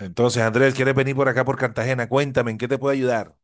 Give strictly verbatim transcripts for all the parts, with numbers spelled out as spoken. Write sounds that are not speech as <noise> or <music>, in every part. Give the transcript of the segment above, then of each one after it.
Entonces, Andrés, ¿quieres venir por acá por Cartagena? Cuéntame, ¿en qué te puedo ayudar?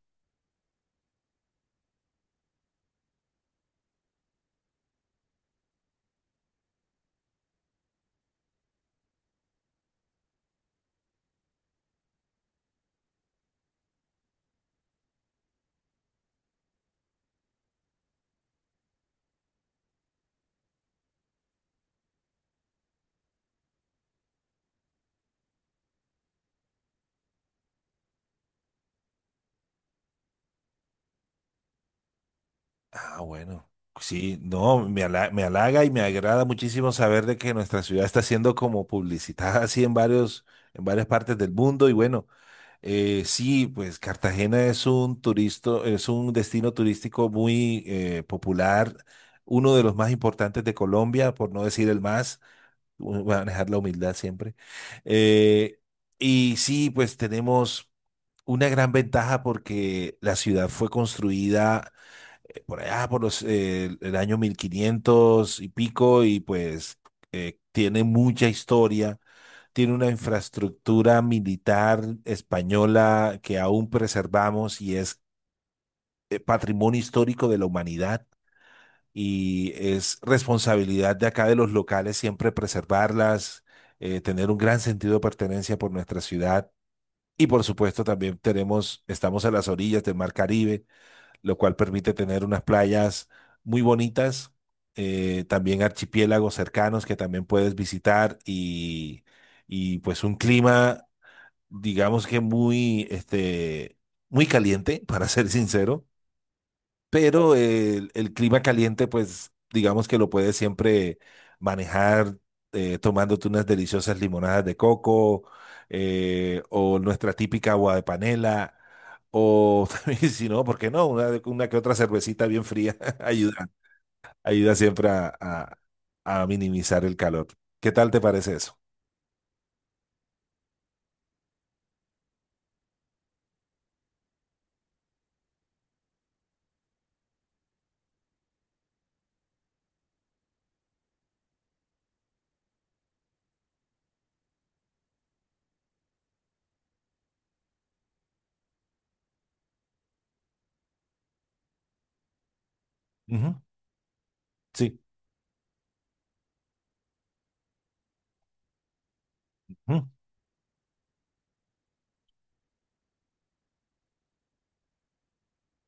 Ah, bueno. Sí, no, me hala- me halaga y me agrada muchísimo saber de que nuestra ciudad está siendo como publicitada <laughs> así en varios, en varias partes del mundo. Y bueno, eh, sí, pues Cartagena es un turisto, es un destino turístico muy eh, popular, uno de los más importantes de Colombia, por no decir el más. Manejar la humildad siempre. Eh, y sí, pues tenemos una gran ventaja porque la ciudad fue construida eh, por allá, por los, eh, el año mil quinientos y pico, y pues eh, tiene mucha historia, tiene una infraestructura militar española que aún preservamos y es eh, patrimonio histórico de la humanidad y es responsabilidad de acá de los locales siempre preservarlas, eh, tener un gran sentido de pertenencia por nuestra ciudad. Y por supuesto también tenemos, estamos a las orillas del Mar Caribe, lo cual permite tener unas playas muy bonitas, eh, también archipiélagos cercanos que también puedes visitar y, y pues un clima, digamos que muy, este, muy caliente, <laughs> para ser sincero, pero el, el clima caliente, pues digamos que lo puedes siempre manejar eh, tomándote unas deliciosas limonadas de coco, eh, o nuestra típica agua de panela. O <laughs> también, si no, ¿por qué no? Una, una que otra cervecita bien fría <laughs> ayuda, ayuda siempre a, a- a minimizar el calor. ¿Qué tal te parece eso? Ujú, sí, ujú,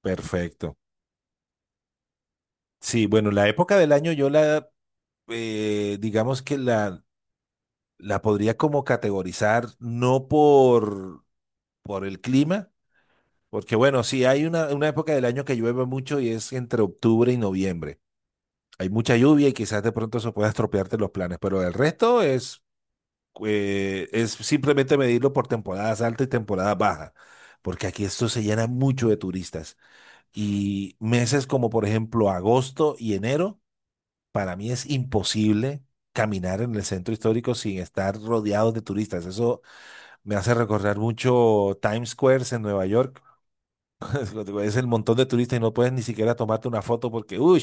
perfecto. Sí, bueno, la época del año yo la, eh, digamos que la, la podría como categorizar no por, por el clima, porque bueno, sí, hay una, una época del año que llueve mucho y es entre octubre y noviembre. Hay mucha lluvia y quizás de pronto eso pueda estropearte los planes, pero el resto es, eh, es simplemente medirlo por temporadas altas y temporadas bajas, porque aquí esto se llena mucho de turistas. Y meses como por ejemplo agosto y enero, para mí es imposible caminar en el centro histórico sin estar rodeados de turistas. Eso me hace recordar mucho Times Square en Nueva York. <laughs> Es el montón de turistas y no puedes ni siquiera tomarte una foto porque, uy,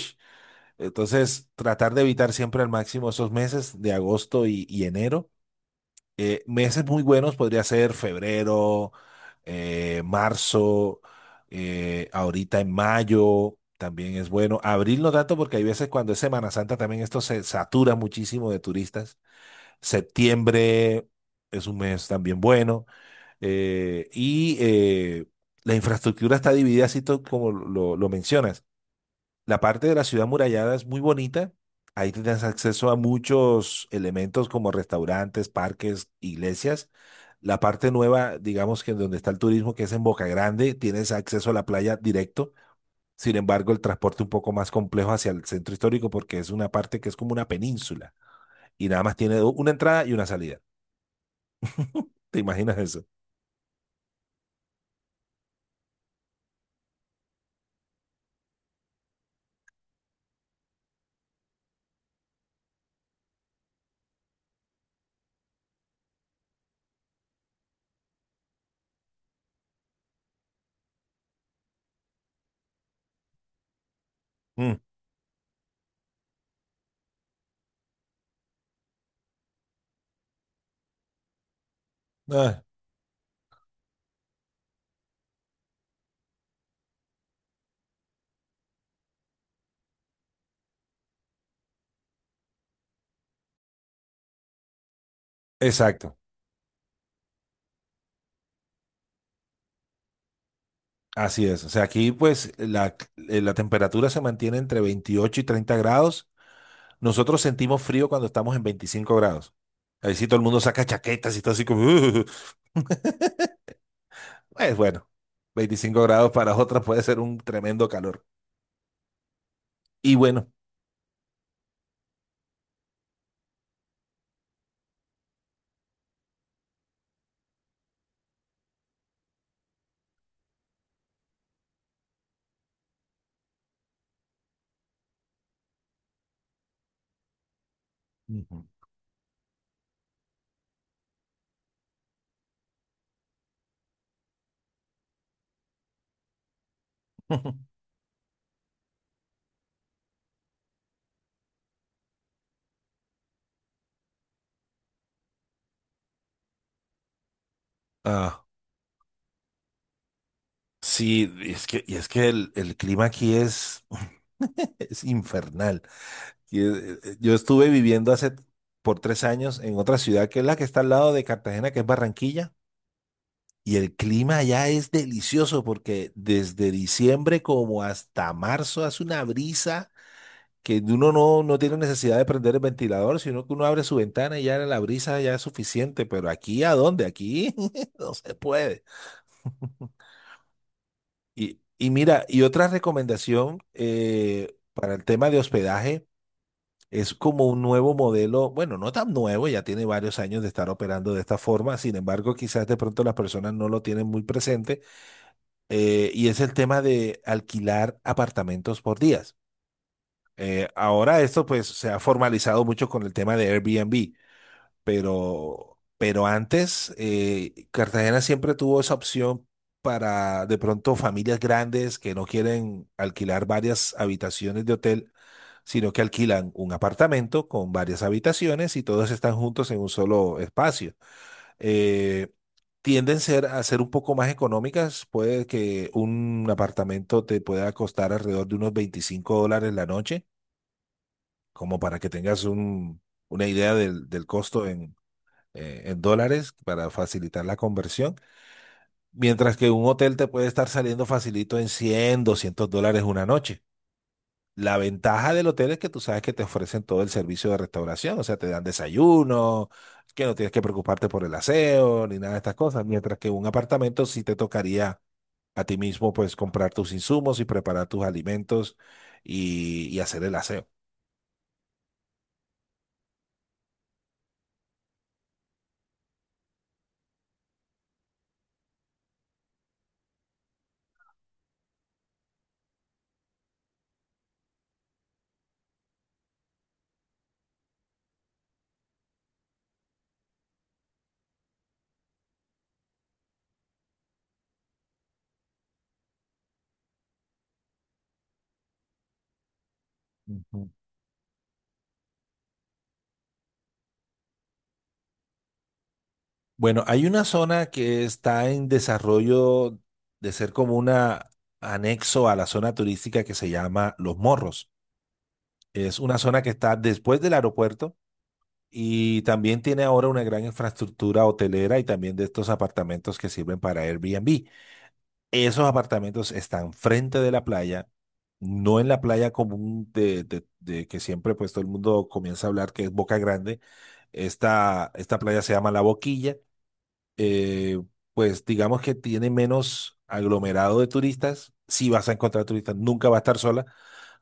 entonces tratar de evitar siempre al máximo esos meses de agosto y, y enero. Eh, meses muy buenos podría ser febrero, eh, marzo, eh, ahorita en mayo también es bueno. Abril no tanto porque hay veces cuando es Semana Santa también esto se satura muchísimo de turistas. Septiembre es un mes también bueno. Eh, y eh, la infraestructura está dividida, así to- como lo, lo mencionas. La parte de la ciudad murallada es muy bonita. Ahí tienes acceso a muchos elementos como restaurantes, parques, iglesias. La parte nueva, digamos que en donde está el turismo, que es en Boca Grande, tienes acceso a la playa directo. Sin embargo, el transporte un poco más complejo hacia el centro histórico porque es una parte que es como una península y nada más tiene do- una entrada y una salida. <laughs> ¿Te imaginas eso? Mm. Ah, exacto. Así es. O sea, aquí pues la, eh, la temperatura se mantiene entre veintiocho y treinta grados. Nosotros sentimos frío cuando estamos en veinticinco grados. Ahí sí todo el mundo saca chaquetas y todo así como... "Uh". Pues bueno, veinticinco grados para otras puede ser un tremendo calor. Y bueno. Ujú. <laughs> Ah, sí, y es que, y es que el, el clima aquí es, <laughs> es infernal. Y, eh, eh, Yo estuve viviendo hace por tres años en otra ciudad que es la que está al lado de Cartagena, que es Barranquilla. Y el clima allá es delicioso porque desde diciembre como hasta marzo hace una brisa que uno no, no tiene necesidad de prender el ventilador, sino que uno abre su ventana y ya la brisa ya es suficiente. Pero aquí, ¿a dónde? Aquí <laughs> no se puede. Y, y mira, y otra recomendación eh, para el tema de hospedaje es como un nuevo modelo, bueno, no tan nuevo, ya tiene varios años de estar operando de esta forma, sin embargo, quizás de pronto las personas no lo tienen muy presente, eh, y es el tema de alquilar apartamentos por días. Eh, ahora esto pues se ha formalizado mucho con el tema de Airbnb, pero, pero antes eh, Cartagena siempre tuvo esa opción para de pronto familias grandes que no quieren alquilar varias habitaciones de hotel, sino que alquilan un apartamento con varias habitaciones y todos están juntos en un solo espacio. Eh, tienden ser, a ser un poco más económicas, puede que un apartamento te pueda costar alrededor de unos veinticinco dólares la noche, como para que tengas un- una idea del, del costo eh, en dólares para facilitar la conversión, mientras que un hotel te puede estar saliendo facilito en cien, doscientos dólares una noche. La ventaja del hotel es que tú sabes que te ofrecen todo el servicio de restauración, o sea, te dan desayuno, que no tienes que preocuparte por el aseo ni nada de estas cosas, mientras que un apartamento sí te tocaría a ti mismo pues comprar tus insumos y preparar tus alimentos y, y hacer el aseo. Ujú. Bueno, hay una zona que está en desarrollo de ser como una anexo a la zona turística que se llama Los Morros. Es una zona que está después del aeropuerto y también tiene ahora una gran infraestructura hotelera y también de estos apartamentos que sirven para Airbnb. Esos apartamentos están frente de la playa, no en la playa común de, de- de que siempre pues todo el mundo comienza a hablar que es Boca Grande. Esta, esta playa se llama La Boquilla, eh, pues digamos que tiene menos aglomerado de turistas. Si vas a encontrar turistas, nunca va a estar sola,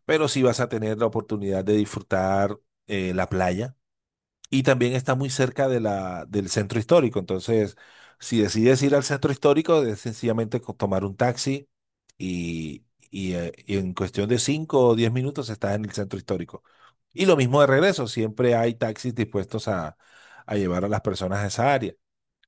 pero sí vas a tener la oportunidad de disfrutar eh, la playa. Y también está muy cerca de la, del centro histórico. Entonces, si decides ir al centro histórico, es sencillamente co- tomar un taxi y, y, eh, y en cuestión de cinco o diez minutos estás en el centro histórico. Y lo mismo de regreso, siempre hay taxis dispuestos a, a llevar a las personas a esa área.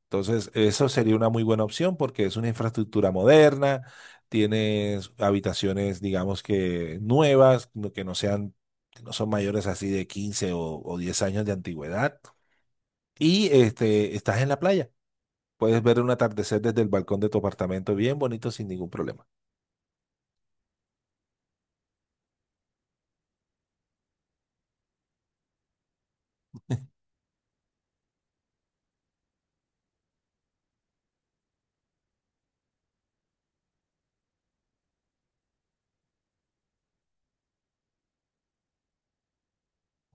Entonces, eso sería una muy buena opción porque es una infraestructura moderna, tienes habitaciones, digamos que nuevas, no- que no sean, que no son mayores así de quince o, o diez años de antigüedad. Y este, estás en la playa. Puedes ver un atardecer desde el balcón de tu apartamento bien bonito sin ningún problema.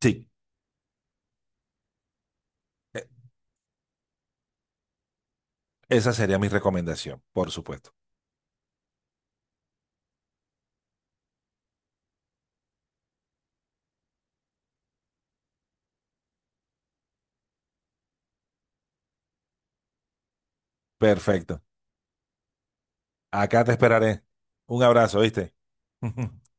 Sí, e- esa sería mi recomendación, por supuesto. Perfecto. Acá te esperaré. Un abrazo, ¿viste? <laughs>